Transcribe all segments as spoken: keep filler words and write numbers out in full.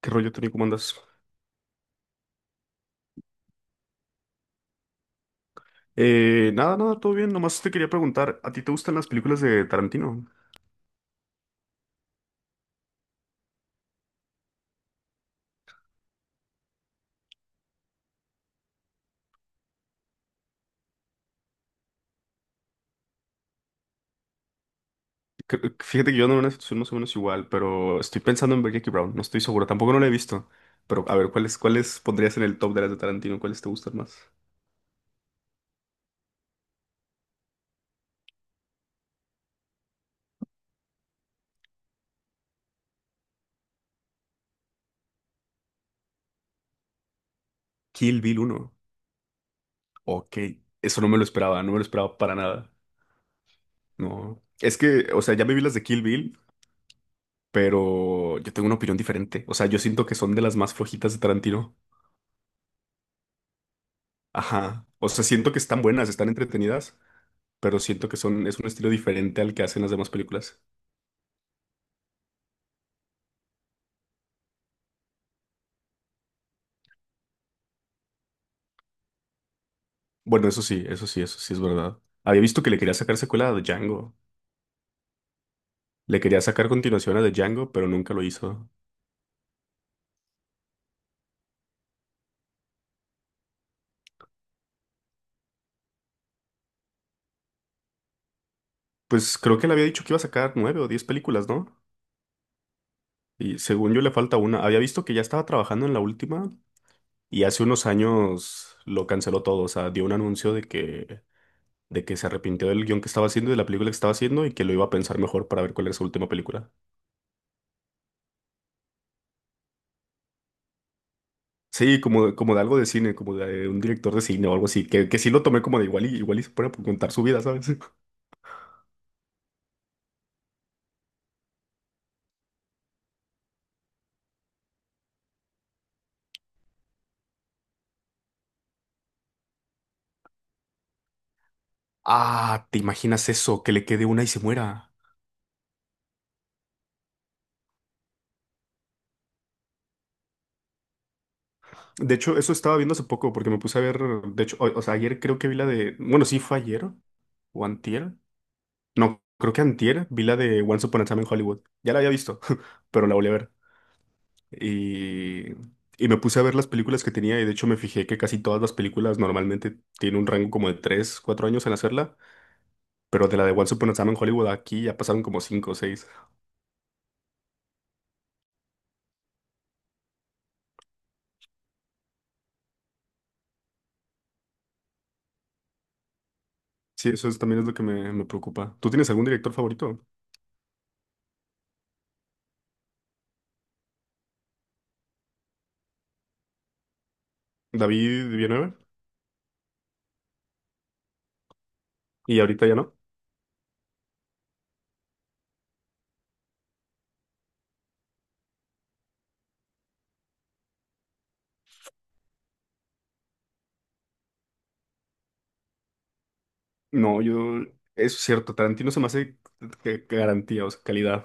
¿Qué rollo, Tony? ¿Cómo andas? Eh, nada, nada, todo bien. Nomás te quería preguntar, ¿a ti te gustan las películas de Tarantino? Cre- Fíjate que yo ando en una situación más o menos igual, pero estoy pensando en ver Jackie Brown. No estoy seguro, tampoco no la he visto. Pero a ver, ¿cuáles, cuáles pondrías en el top de las de Tarantino? ¿Cuáles te gustan más? Kill Bill uno. Ok, eso no me lo esperaba, no me lo esperaba para nada. No, es que, o sea, ya me vi las de Kill Bill, pero yo tengo una opinión diferente. O sea, yo siento que son de las más flojitas de Tarantino. Ajá, o sea, siento que están buenas, están entretenidas, pero siento que son, es un estilo diferente al que hacen las demás películas. Bueno, eso sí, eso sí, eso sí es verdad. Había visto que le quería sacar secuela a Django. Le quería sacar continuación a The Django, pero nunca lo hizo. Pues creo que le había dicho que iba a sacar nueve o diez películas, ¿no? Y según yo le falta una. Había visto que ya estaba trabajando en la última y hace unos años lo canceló todo. O sea, dio un anuncio de que, de que se arrepintió del guión que estaba haciendo y de la película que estaba haciendo y que lo iba a pensar mejor para ver cuál era su última película. Sí, como, como de algo de cine, como de un director de cine o algo así, que, que sí lo tomé como de igual y igual y se pone a contar su vida, ¿sabes? Ah, ¿te imaginas eso? Que le quede una y se muera. De hecho, eso estaba viendo hace poco porque me puse a ver, de hecho, o, o sea, ayer creo que vi la de, bueno, sí fue ayer o antier, no, creo que antier vi la de Once Upon a Time in Hollywood. Ya la había visto, pero la volví a ver. Y, y me puse a ver las películas que tenía y de hecho me fijé que casi todas las películas normalmente tienen un rango como de tres cuatro años en hacerla. Pero de la de Once Upon a Time en Hollywood aquí ya pasaron como cinco o seis. Sí, eso es, también es lo que me, me preocupa. ¿Tú tienes algún director favorito? David Villanueva. ¿Y ahorita ya no? No, yo... Eso es cierto, Tarantino se me hace que- que garantía, o sea, calidad.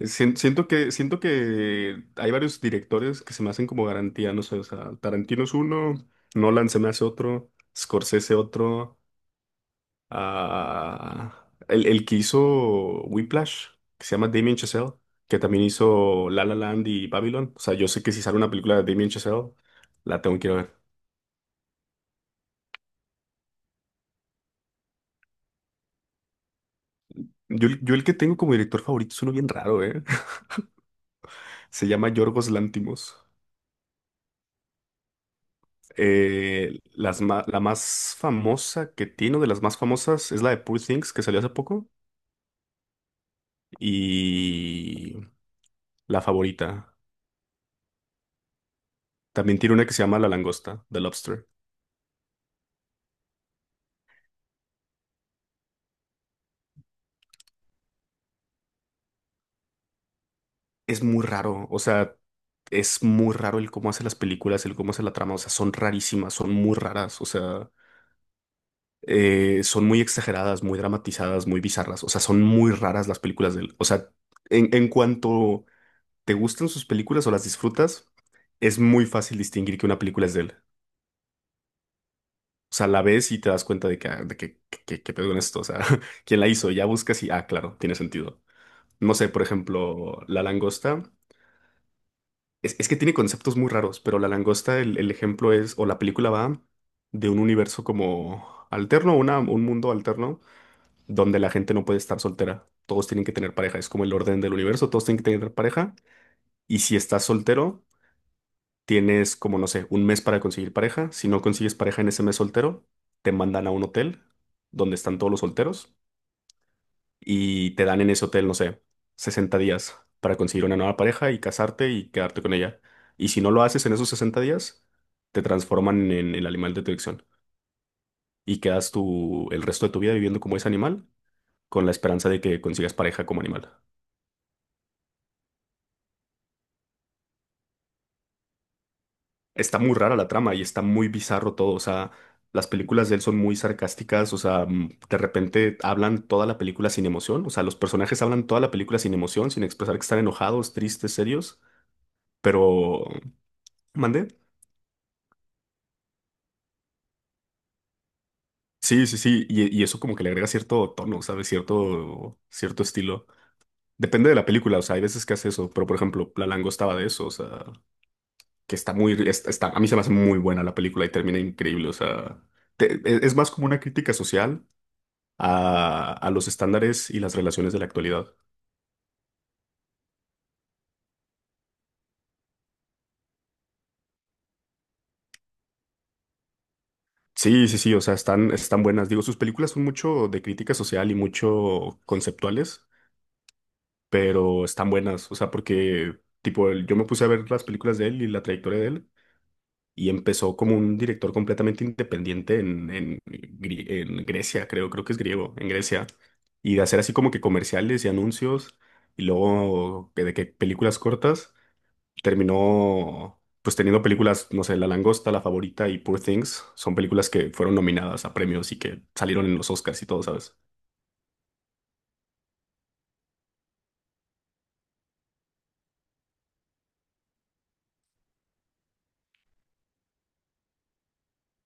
Sien- Siento que, siento que hay varios directores que se me hacen como garantía, no sé, o sea, Tarantino es uno, Nolan se me hace otro, Scorsese otro. a- el, el que hizo Whiplash, que se llama Damien Chazelle, que también hizo La La Land y Babylon. O sea, yo sé que si sale una película de Damien Chazelle, la tengo que ir a ver. Yo, el- yo el que tengo como director favorito es uno bien raro, ¿eh? Se llama Yorgos Lantimos. Las ma- la más famosa que tiene, o de las más famosas, es la de Poor Things, que salió hace poco. Y la favorita. También tiene una que se llama La Langosta, The Lobster. Es muy raro, o sea, es muy raro el cómo hace las películas, el cómo hace la trama, o sea, son rarísimas, son muy raras, o sea, eh, son muy exageradas, muy dramatizadas, muy bizarras, o sea, son muy raras las películas de él. O sea, en, en cuanto te gustan sus películas o las disfrutas, es muy fácil distinguir que una película es de él. O sea, la ves y te das cuenta de que, ah, de que, que, que- qué pedo con esto, o sea, quién la hizo, ya buscas y, ah, claro, tiene sentido. No sé, por ejemplo, La Langosta. Es, es que tiene conceptos muy raros, pero la langosta, el, el ejemplo es, o la película va de un universo como alterno, una, un mundo alterno, donde la gente no puede estar soltera. Todos tienen que tener pareja. Es como el orden del universo, todos tienen que tener pareja. Y si estás soltero, tienes como, no sé, un mes para conseguir pareja. Si no consigues pareja en ese mes soltero, te mandan a un hotel donde están todos los solteros y te dan en ese hotel, no sé, sesenta días para conseguir una nueva pareja y casarte y quedarte con ella. Y si no lo haces en esos sesenta días, te transforman en el animal de tu elección y quedas tú el resto de tu vida viviendo como ese animal con la esperanza de que consigas pareja como animal. Está muy rara la trama y está muy bizarro todo, o sea, las películas de él son muy sarcásticas, o sea, mm, de repente hablan toda la película sin emoción, o sea, los personajes hablan toda la película sin emoción, sin expresar que están enojados, tristes, serios, pero... ¿Mandé? Sí, sí, sí, y, y eso como que le agrega cierto tono, ¿sabes? Cierto, cierto estilo. Depende de la película, o sea, hay veces que hace eso, pero por ejemplo, La Langosta estaba de eso, o sea, que está muy, está, está- a mí se me hace muy buena la película y termina increíble, o sea, te- e- es más como una crítica social a, a los estándares y las relaciones de la actualidad. Sí, sí, sí, o sea, están, están buenas. Digo, sus películas son mucho de crítica social y mucho conceptuales, pero están buenas, o sea, porque, tipo, el- yo me puse a ver las películas de él y la trayectoria de él. Y empezó como un director completamente independiente en, en, Gri- en Grecia, creo, creo que es griego, en Grecia, y de hacer así como que comerciales y anuncios, y luego que- de que películas cortas, terminó pues teniendo películas, no sé, La Langosta, La Favorita y Poor Things, son películas que fueron nominadas a premios y que salieron en los Oscars y todo, ¿sabes?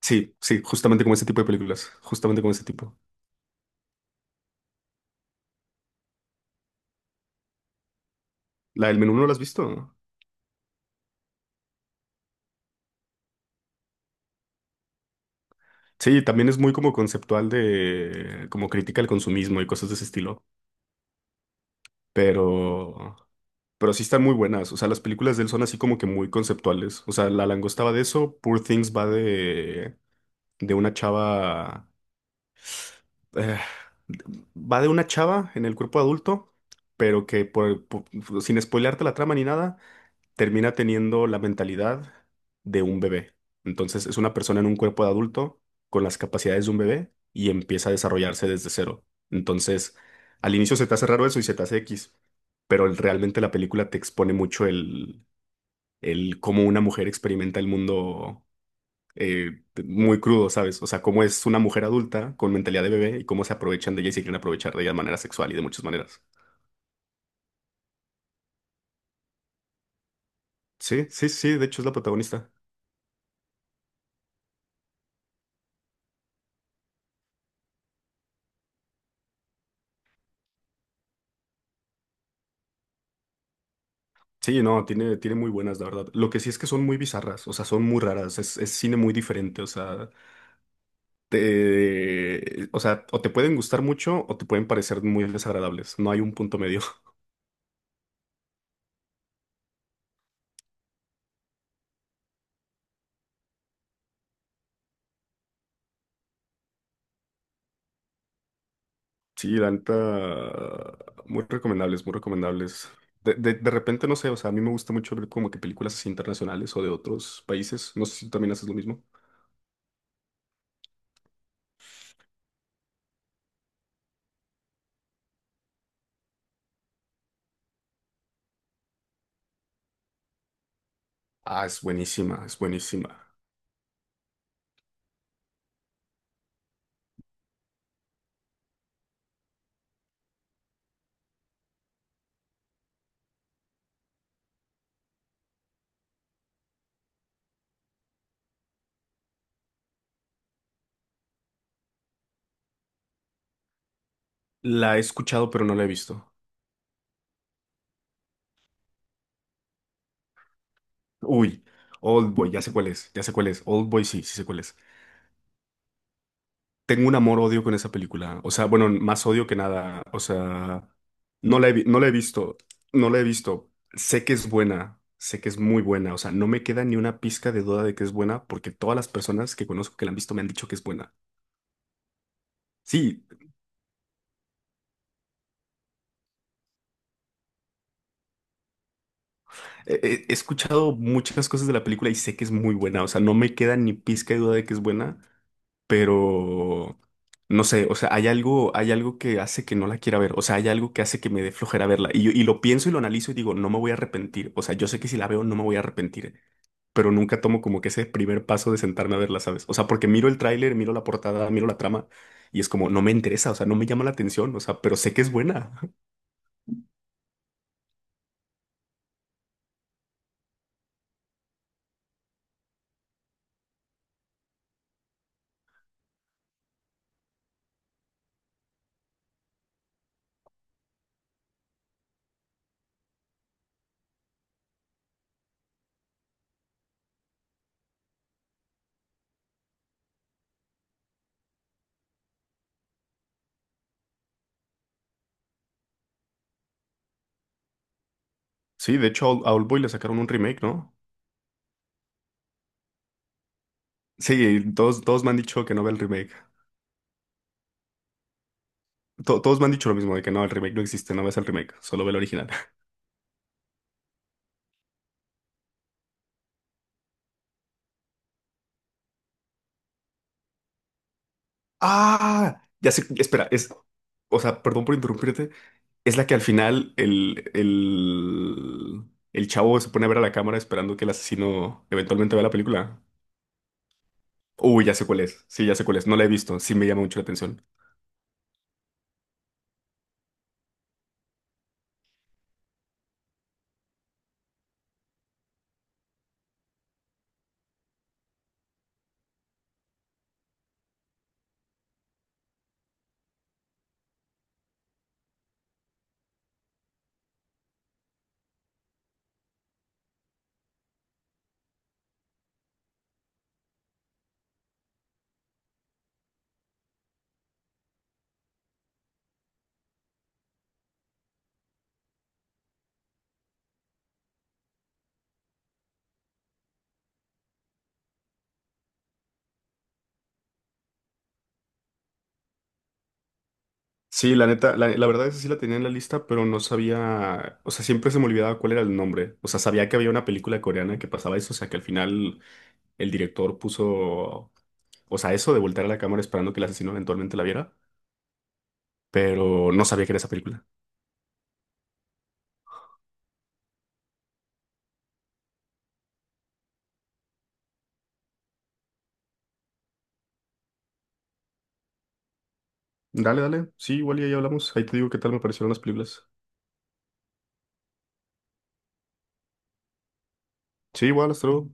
Sí, sí, justamente como ese tipo de películas, justamente como ese tipo. La del menú no la has visto. Sí, también es muy como conceptual de, como crítica al consumismo y cosas de ese estilo, pero, pero sí están muy buenas. O sea, las películas de él son así como que muy conceptuales. O sea, La Langosta va de eso, Poor Things va de, de una chava, eh, va de una chava en el cuerpo adulto, pero que por, por- sin spoilearte la trama ni nada termina teniendo la mentalidad de un bebé. Entonces es una persona en un cuerpo de adulto con las capacidades de un bebé y empieza a desarrollarse desde cero. Entonces, al inicio se te hace raro eso y se te hace X, pero el- realmente la película te expone mucho el, el cómo una mujer experimenta el mundo eh, muy crudo, ¿sabes? O sea, cómo es una mujer adulta con mentalidad de bebé y cómo se aprovechan de ella y se quieren aprovechar de ella de manera sexual y de muchas maneras. Sí, sí, sí, de hecho es la protagonista. Sí, no, tiene, tiene muy buenas, la verdad. Lo que sí es que son muy bizarras, o sea, son muy raras, es, es cine muy diferente, o sea, te, o sea, o te pueden gustar mucho o te pueden parecer muy desagradables, no hay un punto medio. Sí, la neta, muy recomendables, muy recomendables. De, de, de repente, no sé, o sea, a mí me gusta mucho ver como que películas así internacionales o de otros países, no sé si tú también haces lo mismo. Ah, es buenísima, es buenísima. La he escuchado, pero no la he visto. Uy, Oldboy, ya sé cuál es, ya sé cuál es, Oldboy sí, sí sé cuál es. Tengo un amor-odio con esa película. O sea, bueno, más odio que nada. O sea, no la he, vi- no la he visto. No la he visto. Sé que es buena. Sé que es muy buena. O sea, no me queda ni una pizca de duda de que es buena porque todas las personas que conozco que la han visto me han dicho que es buena. Sí, he, he- he escuchado muchas cosas de la película y sé que es muy buena. O sea, no me queda ni pizca de duda de que es buena, pero no sé, o sea, hay algo, hay algo que hace que no la quiera ver, o sea, hay algo que hace que me dé flojera verla. Y, yo- y lo pienso y lo analizo y digo, no me voy a arrepentir, o sea, yo sé que si la veo no me voy a arrepentir, pero nunca tomo como que ese primer paso de sentarme a verla, ¿sabes? O sea, porque miro el tráiler, miro la portada, miro la trama y es como, no me interesa, o sea, no me llama la atención, o sea, pero sé que es buena. Sí, de hecho, a Old- Boy le sacaron un remake, ¿no? Sí, todos, todos me han dicho que no vea el remake. To- todos me han dicho lo mismo, de que no, el remake no existe, no veas el remake, solo ve el original. Ah, ya sé, espera, es, o sea, perdón por interrumpirte, es la que al final el, el, el chavo se pone a ver a la cámara esperando que el asesino eventualmente vea la película. Uy, ya sé cuál es, sí, ya sé cuál es, no la he visto, sí me llama mucho la atención. Sí, la neta, la, la verdad es que sí la tenía en la lista, pero no sabía, o sea, siempre se me olvidaba cuál era el nombre. O sea, sabía que había una película coreana que pasaba eso, o sea, que al final el director puso, o sea, eso de voltear a la cámara esperando que el asesino eventualmente la viera, pero no sabía que era esa película. Dale, dale. Sí, igual y ahí hablamos. Ahí te digo qué tal me parecieron las películas. Sí, igual, hasta luego.